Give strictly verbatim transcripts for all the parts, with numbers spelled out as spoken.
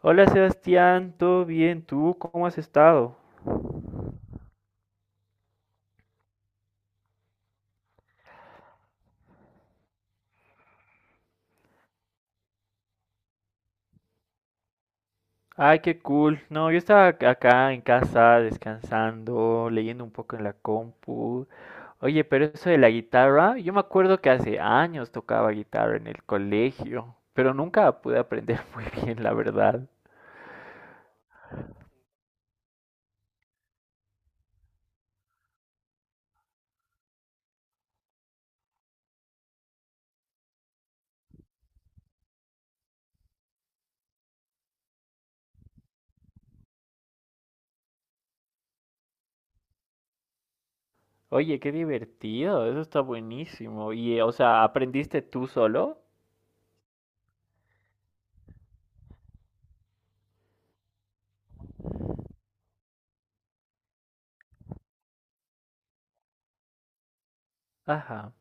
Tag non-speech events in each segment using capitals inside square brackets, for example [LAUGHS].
Hola Sebastián, ¿todo bien? ¿Tú cómo has estado? Ay, qué cool. No, yo estaba ac- acá en casa descansando, leyendo un poco en la compu. Oye, pero eso de la guitarra, yo me acuerdo que hace años tocaba guitarra en el colegio, pero nunca pude aprender [LAUGHS] muy bien, la verdad. Oye, qué divertido, eso está buenísimo. Y, eh, o sea, ¿aprendiste tú solo? Ajá.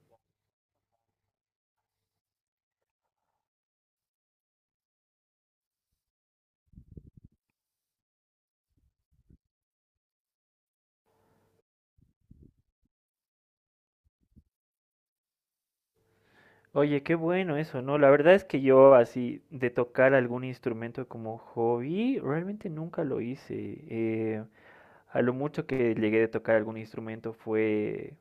Oye, qué bueno eso, ¿no? La verdad es que yo, así de tocar algún instrumento como hobby, realmente nunca lo hice. Eh, a lo mucho que llegué de tocar algún instrumento fue,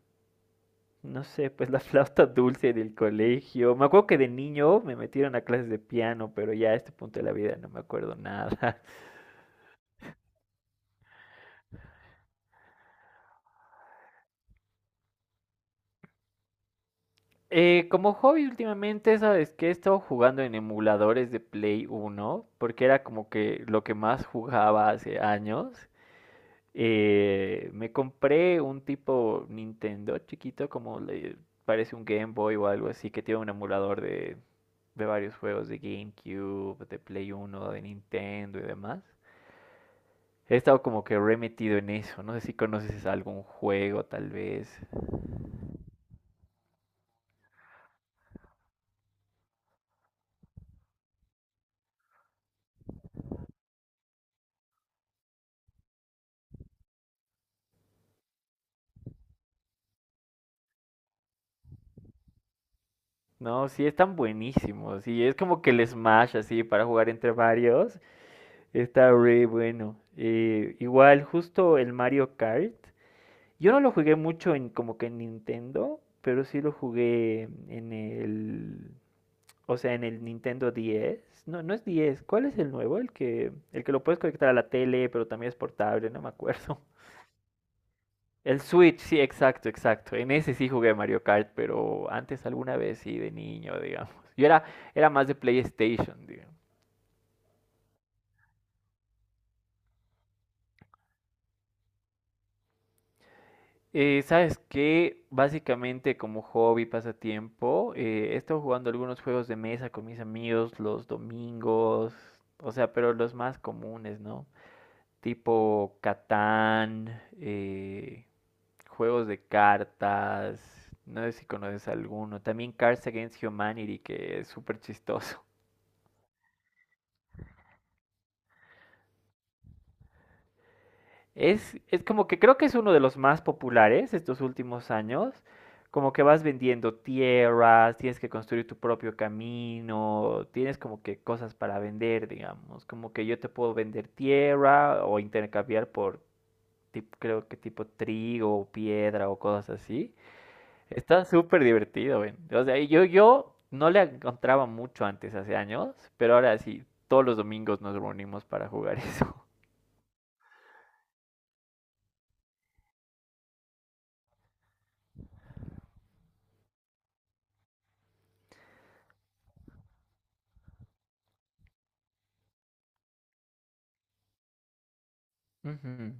no sé, pues la [LAUGHS] flauta dulce del colegio. Me acuerdo que de niño me metieron a clases de piano, pero ya a este punto de la vida no me acuerdo nada. [LAUGHS] Eh, como hobby últimamente, ¿sabes qué? He estado jugando en emuladores de Play Uno, porque era como que lo que más jugaba hace años. Eh, me compré un tipo Nintendo chiquito, como le parece un Game Boy o algo así, que tiene un emulador de, de varios juegos de GameCube, de Play Uno, de Nintendo y demás. He estado como que re metido en eso. No sé si conoces algún juego, tal vez. No, sí, están buenísimos. Y es como que el Smash, así, para jugar entre varios. Está re bueno. Eh, igual, justo el Mario Kart. Yo no lo jugué mucho en, como que en Nintendo, pero sí lo jugué en el, o sea, en el Nintendo diez. No, no es diez. ¿Cuál es el nuevo? El que, el que lo puedes conectar a la tele, pero también es portable, no me acuerdo. [LAUGHS] El Switch, sí, exacto, exacto. En ese sí jugué Mario Kart, pero antes alguna vez sí, de niño, digamos. Yo era, era más de PlayStation, digamos. Eh, ¿sabes qué? Básicamente como hobby, pasatiempo, eh, he estado jugando algunos juegos de mesa con mis amigos los domingos, o sea, pero los más comunes, ¿no? Tipo Catán, eh, juegos de cartas, no sé si conoces alguno. También Cards Against Humanity, que es súper chistoso. Es, es como que creo que es uno de los más populares estos últimos años. Como que vas vendiendo tierras, tienes que construir tu propio camino, tienes como que cosas para vender, digamos. Como que yo te puedo vender tierra o intercambiar por, tip- creo que tipo trigo o piedra o cosas así. Está súper divertido, ven. O sea, yo, yo no le encontraba mucho antes, hace años, pero ahora sí, todos los domingos nos reunimos para jugar [LAUGHS] eso. Ujú.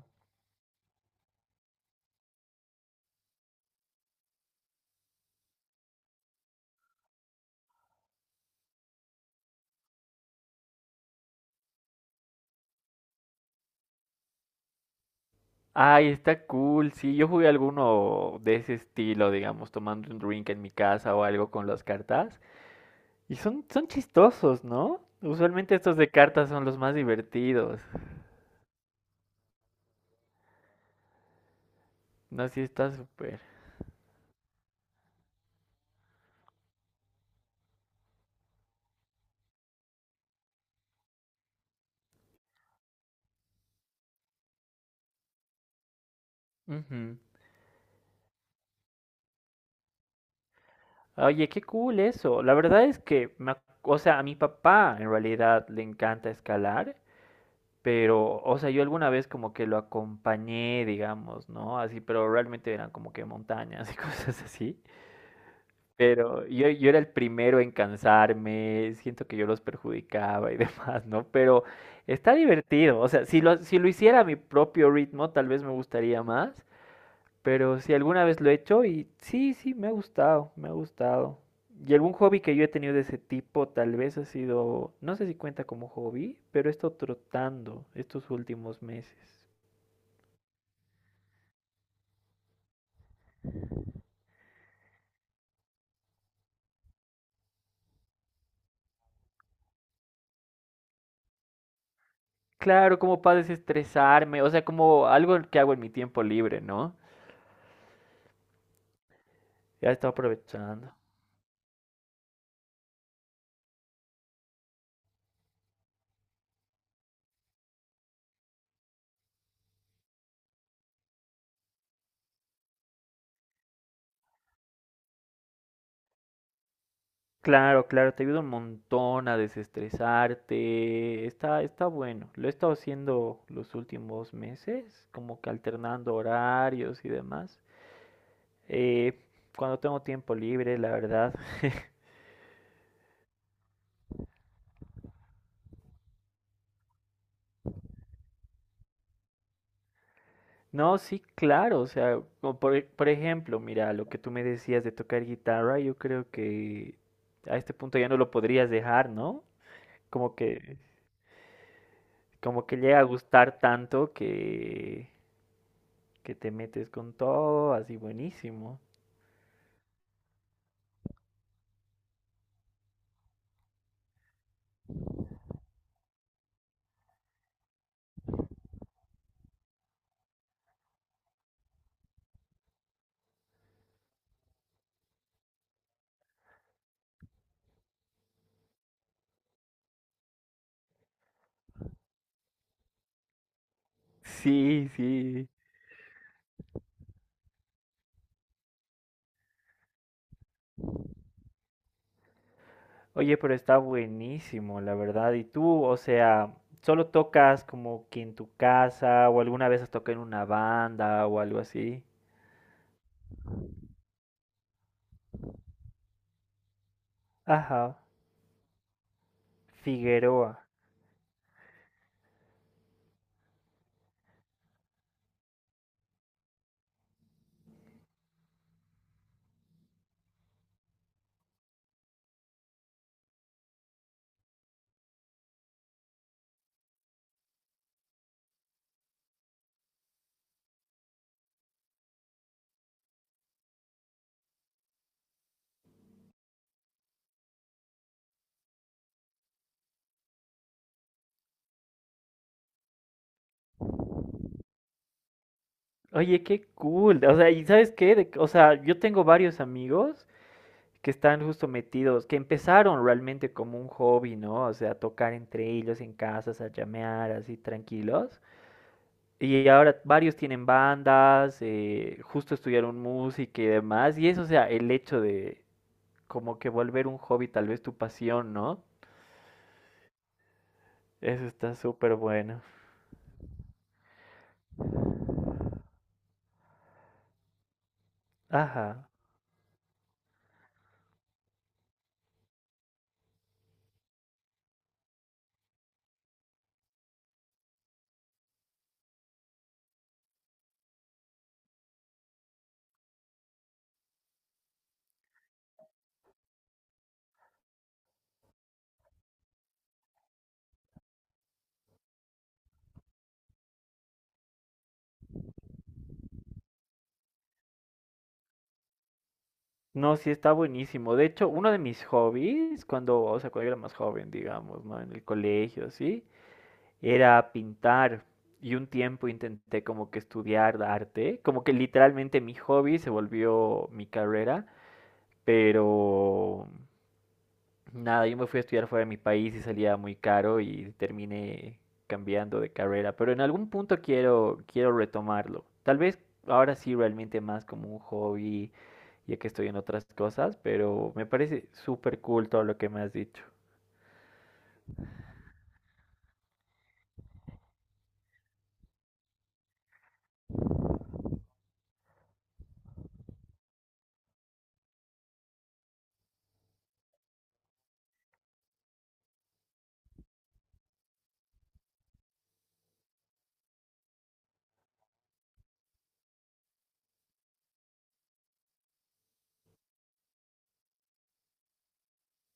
Ay, está cool. Sí, yo jugué alguno de ese estilo, digamos, tomando un drink en mi casa o algo con las cartas. Y son, son chistosos, ¿no? Usualmente estos de cartas son los más divertidos. No, sí, está súper. Ujú. Oye, qué cool eso. La verdad es que, me ac- o sea, a mi papá en realidad le encanta escalar, pero, o sea, yo alguna vez como que lo acompañé, digamos, ¿no? Así, pero realmente eran como que montañas y [LAUGHS] cosas así. Pero yo, yo era el primero en cansarme, siento que yo los perjudicaba y [LAUGHS] demás, ¿no? Pero está divertido, o sea, si lo, si lo hiciera a mi propio ritmo, tal vez me gustaría más, pero si alguna vez lo he hecho y sí, sí, me ha gustado, me ha gustado. Y algún hobby que yo he tenido de ese tipo, tal vez ha sido, no sé si cuenta como hobby, pero he estado trotando estos últimos meses. Claro, como para desestresarme, o sea, como algo que hago en mi tiempo libre, ¿no? Ya estaba aprovechando. Claro, claro, te ayuda un montón a desestresarte. Está, está bueno. Lo he estado haciendo los últimos meses, como que alternando horarios y demás. Eh, cuando tengo tiempo libre, la verdad. [LAUGHS] No, sí, claro. O sea, como por, e- por ejemplo, mira, lo que tú me decías de tocar guitarra, yo creo que a este punto ya no lo podrías dejar, ¿no? Como que, como que llega a gustar tanto que, que te metes con todo, así buenísimo. Sí, sí. Oye, pero está buenísimo, la verdad. ¿Y tú, o sea, solo tocas como que en tu casa o alguna vez has tocado en una banda o algo así? Ajá, Figueroa. Oye, qué cool. O sea, ¿y sabes qué? De- o sea, yo tengo varios amigos que están justo metidos, que empezaron realmente como un hobby, ¿no? O sea, tocar entre ellos en casas, a llamear así tranquilos. Y ahora varios tienen bandas, eh, justo estudiaron música y demás. Y eso, o sea, el hecho de como que volver un hobby, tal vez tu pasión, ¿no? Eso está súper bueno. Ajá. No, sí, está buenísimo. De hecho, uno de mis hobbies, cuando, o sea, cuando yo era más joven, digamos, ¿no? En el colegio, así, era pintar. Y un tiempo intenté como que estudiar arte, como que literalmente mi hobby se volvió mi carrera, pero nada, yo me fui a estudiar fuera de mi país y salía muy caro y terminé cambiando de carrera, pero en algún punto quiero, quiero retomarlo. Tal vez ahora sí realmente más como un hobby, ya que estoy en otras cosas, pero me parece súper cool todo lo que me has dicho.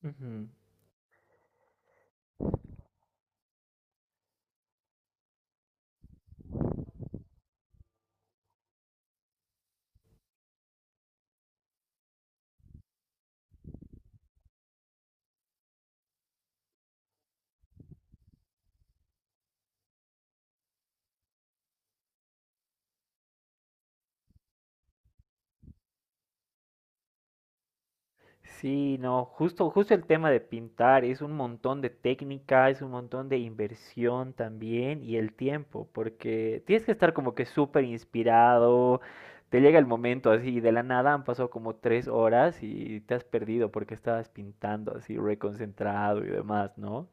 Ujú. Sí, no, justo, justo el tema de pintar es un montón de técnica, es un montón de inversión también y el tiempo, porque tienes que estar como que súper inspirado, te llega el momento así, de la nada han pasado como tres horas y te has perdido porque estabas pintando así, reconcentrado y demás, ¿no?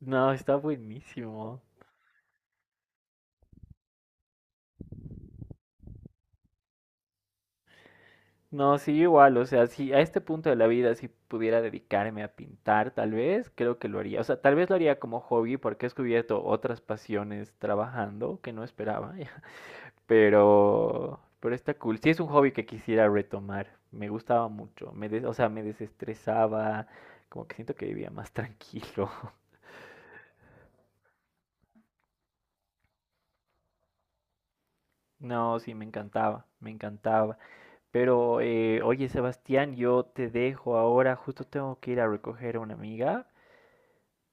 No, está buenísimo. No, sí, igual, o sea, si a este punto de la vida si pudiera dedicarme a pintar, tal vez, creo que lo haría. O sea, tal vez lo haría como hobby porque he descubierto otras pasiones trabajando que no esperaba, [LAUGHS] pero, pero está cool. Sí, es un hobby que quisiera retomar. Me gustaba mucho, me des- o sea, me desestresaba, como que siento que vivía más tranquilo. [LAUGHS] No, sí, me encantaba, me encantaba. Pero, eh, oye, Sebastián, yo te dejo ahora, justo tengo que ir a recoger a una amiga,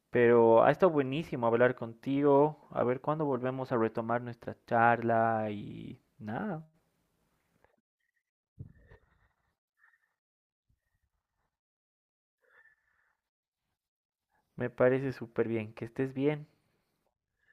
pero ha estado buenísimo hablar contigo. A ver cuándo volvemos a retomar nuestra charla y nada, me parece súper bien. Que estés bien.